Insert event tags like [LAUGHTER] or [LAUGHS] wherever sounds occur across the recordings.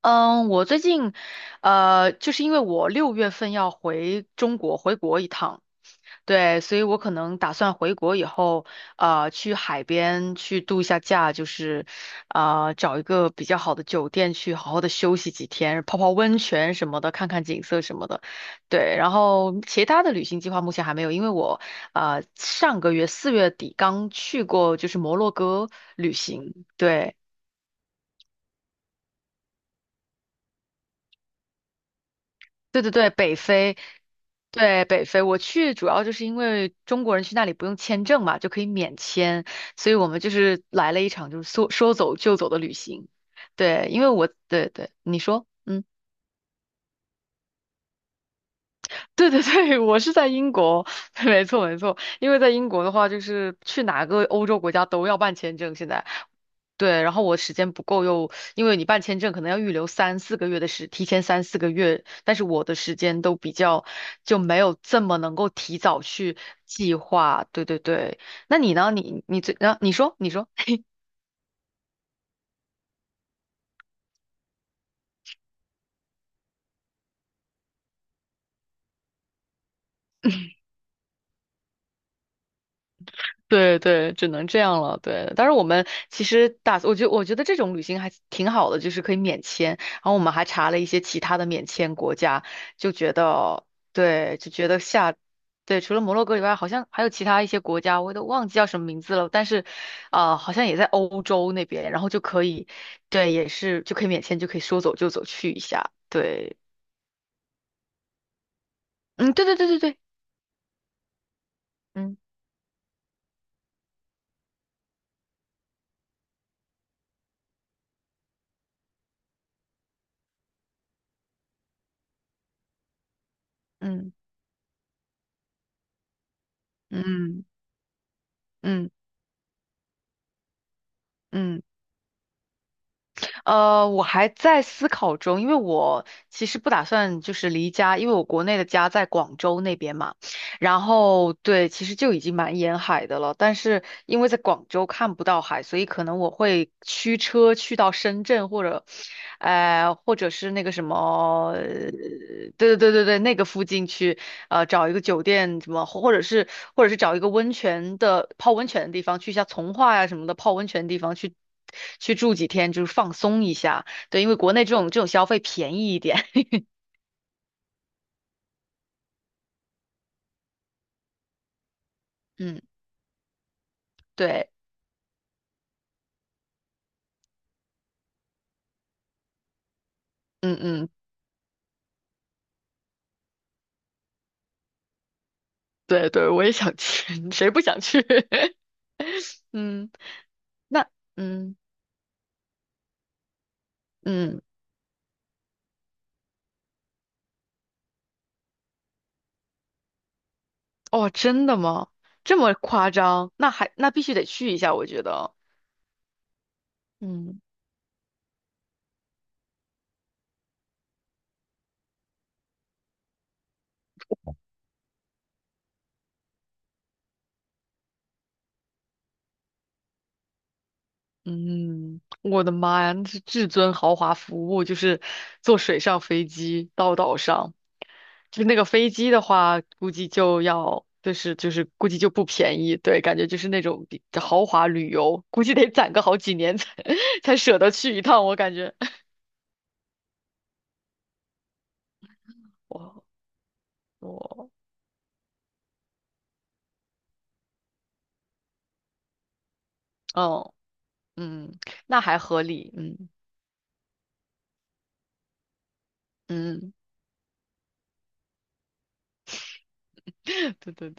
嗯，我最近，就是因为我六月份要回中国，回国一趟。对，所以我可能打算回国以后，去海边去度一下假，就是，找一个比较好的酒店去好好的休息几天，泡泡温泉什么的，看看景色什么的。对。然后其他的旅行计划目前还没有，因为我，上个月四月底刚去过就是摩洛哥旅行。对。对对对，北非。对，北非，我去主要就是因为中国人去那里不用签证嘛，就可以免签，所以我们就是来了一场就是说说走就走的旅行。对，因为我，对对，你说。嗯。[LAUGHS] 对对对，我是在英国。[LAUGHS] 没错没错，因为在英国的话，就是去哪个欧洲国家都要办签证，现在。对，然后我时间不够又，因为你办签证可能要预留三四个月的时，提前三四个月，但是我的时间都比较就没有这么能够提早去计划。对对对，那你呢？你最，啊，你说你说。对对，只能这样了。对，但是我们其实打，我觉得这种旅行还挺好的，就是可以免签。然后我们还查了一些其他的免签国家，就觉得，对，就觉得下，对，除了摩洛哥以外，好像还有其他一些国家，我都忘记叫什么名字了。但是，啊、好像也在欧洲那边，然后就可以，对，也是就可以免签，就可以说走就走去一下。对。嗯，对对对对对，嗯嗯嗯嗯嗯。我还在思考中，因为我其实不打算就是离家，因为我国内的家在广州那边嘛。然后对，其实就已经蛮沿海的了，但是因为在广州看不到海，所以可能我会驱车去到深圳或者或者是那个什么，对对对对对，那个附近去，找一个酒店什么，或者是找一个温泉的泡温泉的地方，去一下从化呀、什么的泡温泉的地方去去住几天，就是放松一下。对，因为国内这种消费便宜一点。[LAUGHS] 嗯，对，嗯嗯，对对，我也想去，[LAUGHS] 谁不想去？[LAUGHS] 嗯，那嗯嗯，哦，真的吗？这么夸张？那必须得去一下，我觉得。嗯。嗯，我的妈呀，那是至尊豪华服务，就是坐水上飞机到岛上。就是那个飞机的话，估计就要，就是估计就不便宜。对，感觉就是那种比豪华旅游，估计得攒个好几年才 [LAUGHS] 才舍得去一趟，我感觉。[LAUGHS] 我我，嗯嗯，那还合理。嗯嗯，[LAUGHS] 对对对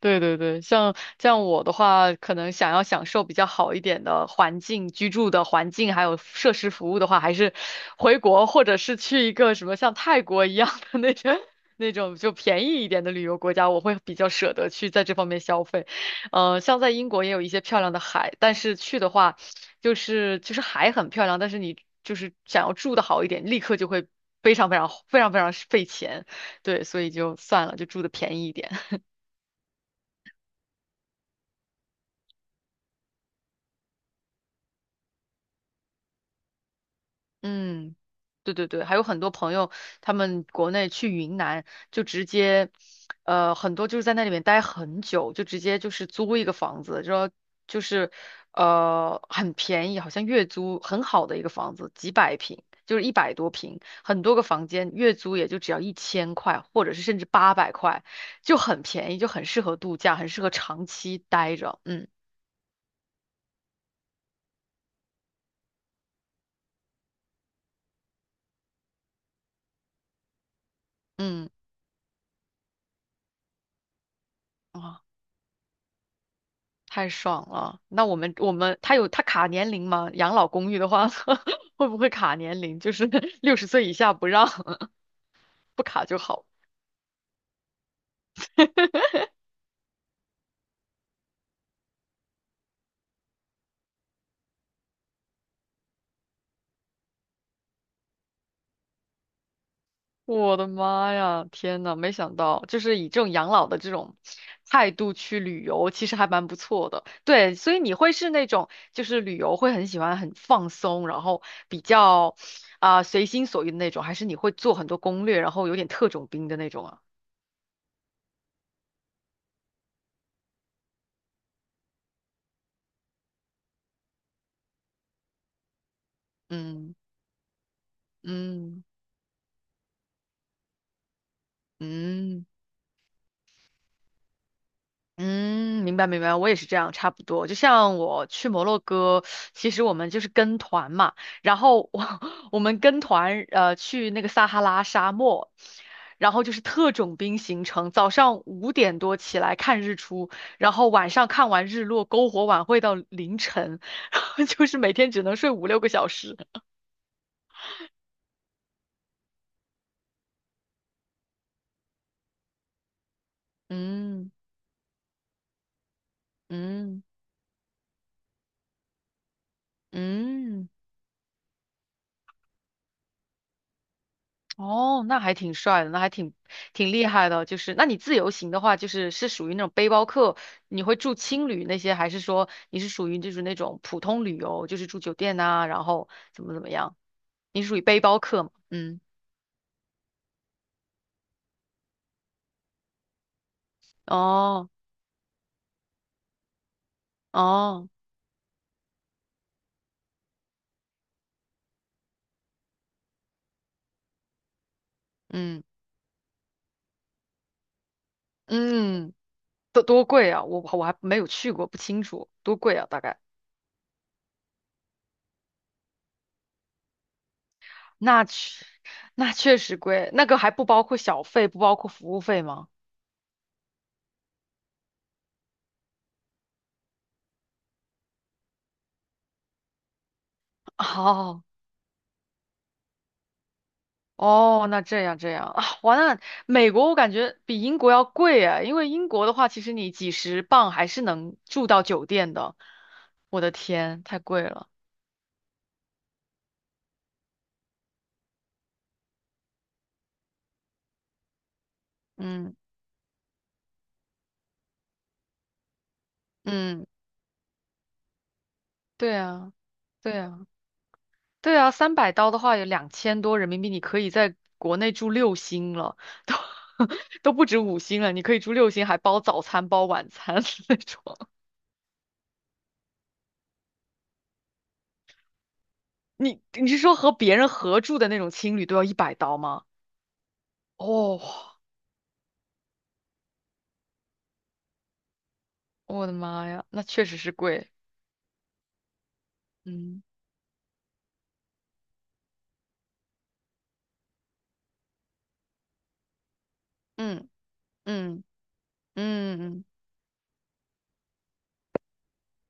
对对对，像我的话，可能想要享受比较好一点的环境、居住的环境，还有设施服务的话，还是回国或者是去一个什么像泰国一样的那种 [LAUGHS] 那种就便宜一点的旅游国家，我会比较舍得去在这方面消费。像在英国也有一些漂亮的海，但是去的话，就是海很漂亮，但是你就是想要住的好一点，立刻就会非常非常非常非常费钱。对，所以就算了，就住的便宜一点。嗯，对对对，还有很多朋友，他们国内去云南就直接，很多就是在那里面待很久，就直接就是租一个房子，说就是，很便宜，好像月租很好的一个房子，几百平，就是100多平，很多个房间，月租也就只要1000块，或者是甚至800块，就很便宜，就很适合度假，很适合长期待着。嗯嗯，啊。太爽了！那我们他有他卡年龄吗？养老公寓的话，[LAUGHS] 会不会卡年龄？就是 [LAUGHS] 60岁以下不让，[LAUGHS] 不卡就好。我的妈呀，天呐，没想到，就是以这种养老的这种态度去旅游，其实还蛮不错的。对，所以你会是那种就是旅游会很喜欢很放松，然后比较啊、随心所欲的那种，还是你会做很多攻略，然后有点特种兵的那种啊？嗯嗯嗯。嗯，明白明白，我也是这样，差不多。就像我去摩洛哥，其实我们就是跟团嘛，然后我 [LAUGHS] 我们跟团去那个撒哈拉沙漠，然后就是特种兵行程，早上5点多起来看日出，然后晚上看完日落，篝火晚会到凌晨。[LAUGHS] 然后就是每天只能睡5、6个小时。嗯嗯嗯。嗯哦，那还挺帅的，那还挺厉害的。就是，那你自由行的话，就是是属于那种背包客，你会住青旅那些，还是说你是属于就是那种普通旅游，就是住酒店呐、然后怎么样？你属于背包客吗？嗯，哦哦，嗯嗯，多贵啊！我还没有去过，不清楚多贵啊，大概。那确那确实贵，那个还不包括小费，不包括服务费吗？哦。哦，那这样这样啊，完了，那美国我感觉比英国要贵啊，因为英国的话，其实你几十磅还是能住到酒店的。我的天，太贵了。嗯嗯，对啊对啊对啊，300刀的话有2000多人民币，你可以在国内住六星了，都 [LAUGHS] 都不止五星了，你可以住六星，还包早餐包晚餐 [LAUGHS] 那种。你是说和别人合住的那种青旅都要100刀吗？哦，我的妈呀，那确实是贵。嗯嗯嗯嗯嗯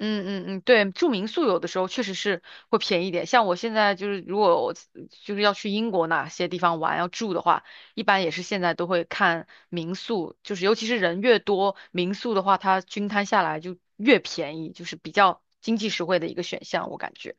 嗯嗯嗯，对，住民宿有的时候确实是会便宜一点。像我现在就是，如果我就是要去英国哪些地方玩要住的话，一般也是现在都会看民宿，就是尤其是人越多，民宿的话它均摊下来就越便宜，就是比较经济实惠的一个选项，我感觉。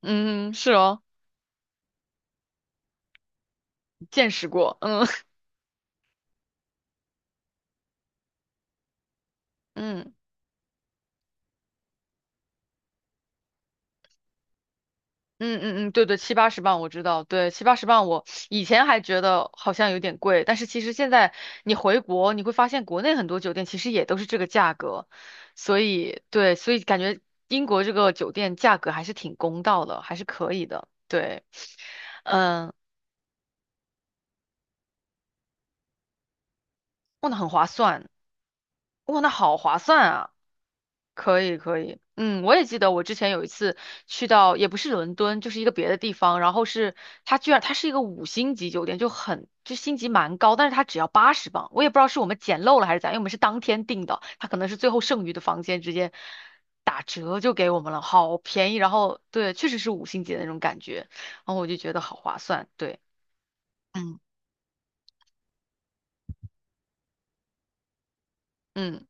嗯，是哦，见识过，嗯 [LAUGHS] 嗯。嗯嗯嗯，对对，七八十磅我知道，对，七八十磅我以前还觉得好像有点贵，但是其实现在你回国，你会发现国内很多酒店其实也都是这个价格，所以对，所以感觉英国这个酒店价格还是挺公道的，还是可以的，对，嗯，哇，那很划算，哇，那好划算啊。可以可以，嗯，我也记得我之前有一次去到，也不是伦敦，就是一个别的地方，然后是它居然它是一个五星级酒店，就星级蛮高，但是它只要八十磅。我也不知道是我们捡漏了还是咋样，因为我们是当天订的，它可能是最后剩余的房间直接打折就给我们了，好便宜。然后对，确实是五星级的那种感觉，然后我就觉得好划算。对，嗯，嗯。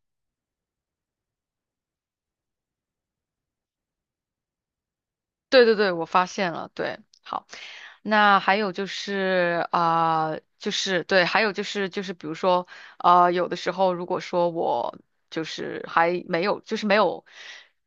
对对对，我发现了，对，好，那还有就是啊、就是对，还有就是比如说啊、有的时候如果说我就是还没有，就是没有，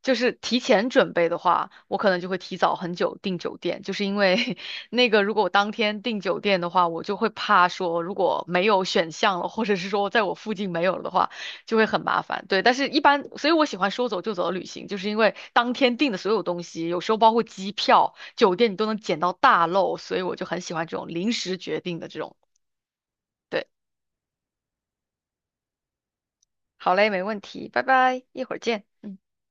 就是提前准备的话，我可能就会提早很久订酒店，就是因为 [LAUGHS] 那个如果我当天订酒店的话，我就会怕说如果没有选项了，或者是说在我附近没有了的话。就会很麻烦。对，但是一般，所以我喜欢说走就走的旅行，就是因为当天订的所有东西，有时候包括机票、酒店，你都能捡到大漏，所以我就很喜欢这种临时决定的这种。对，好嘞，没问题，拜拜，一会儿见。嗯。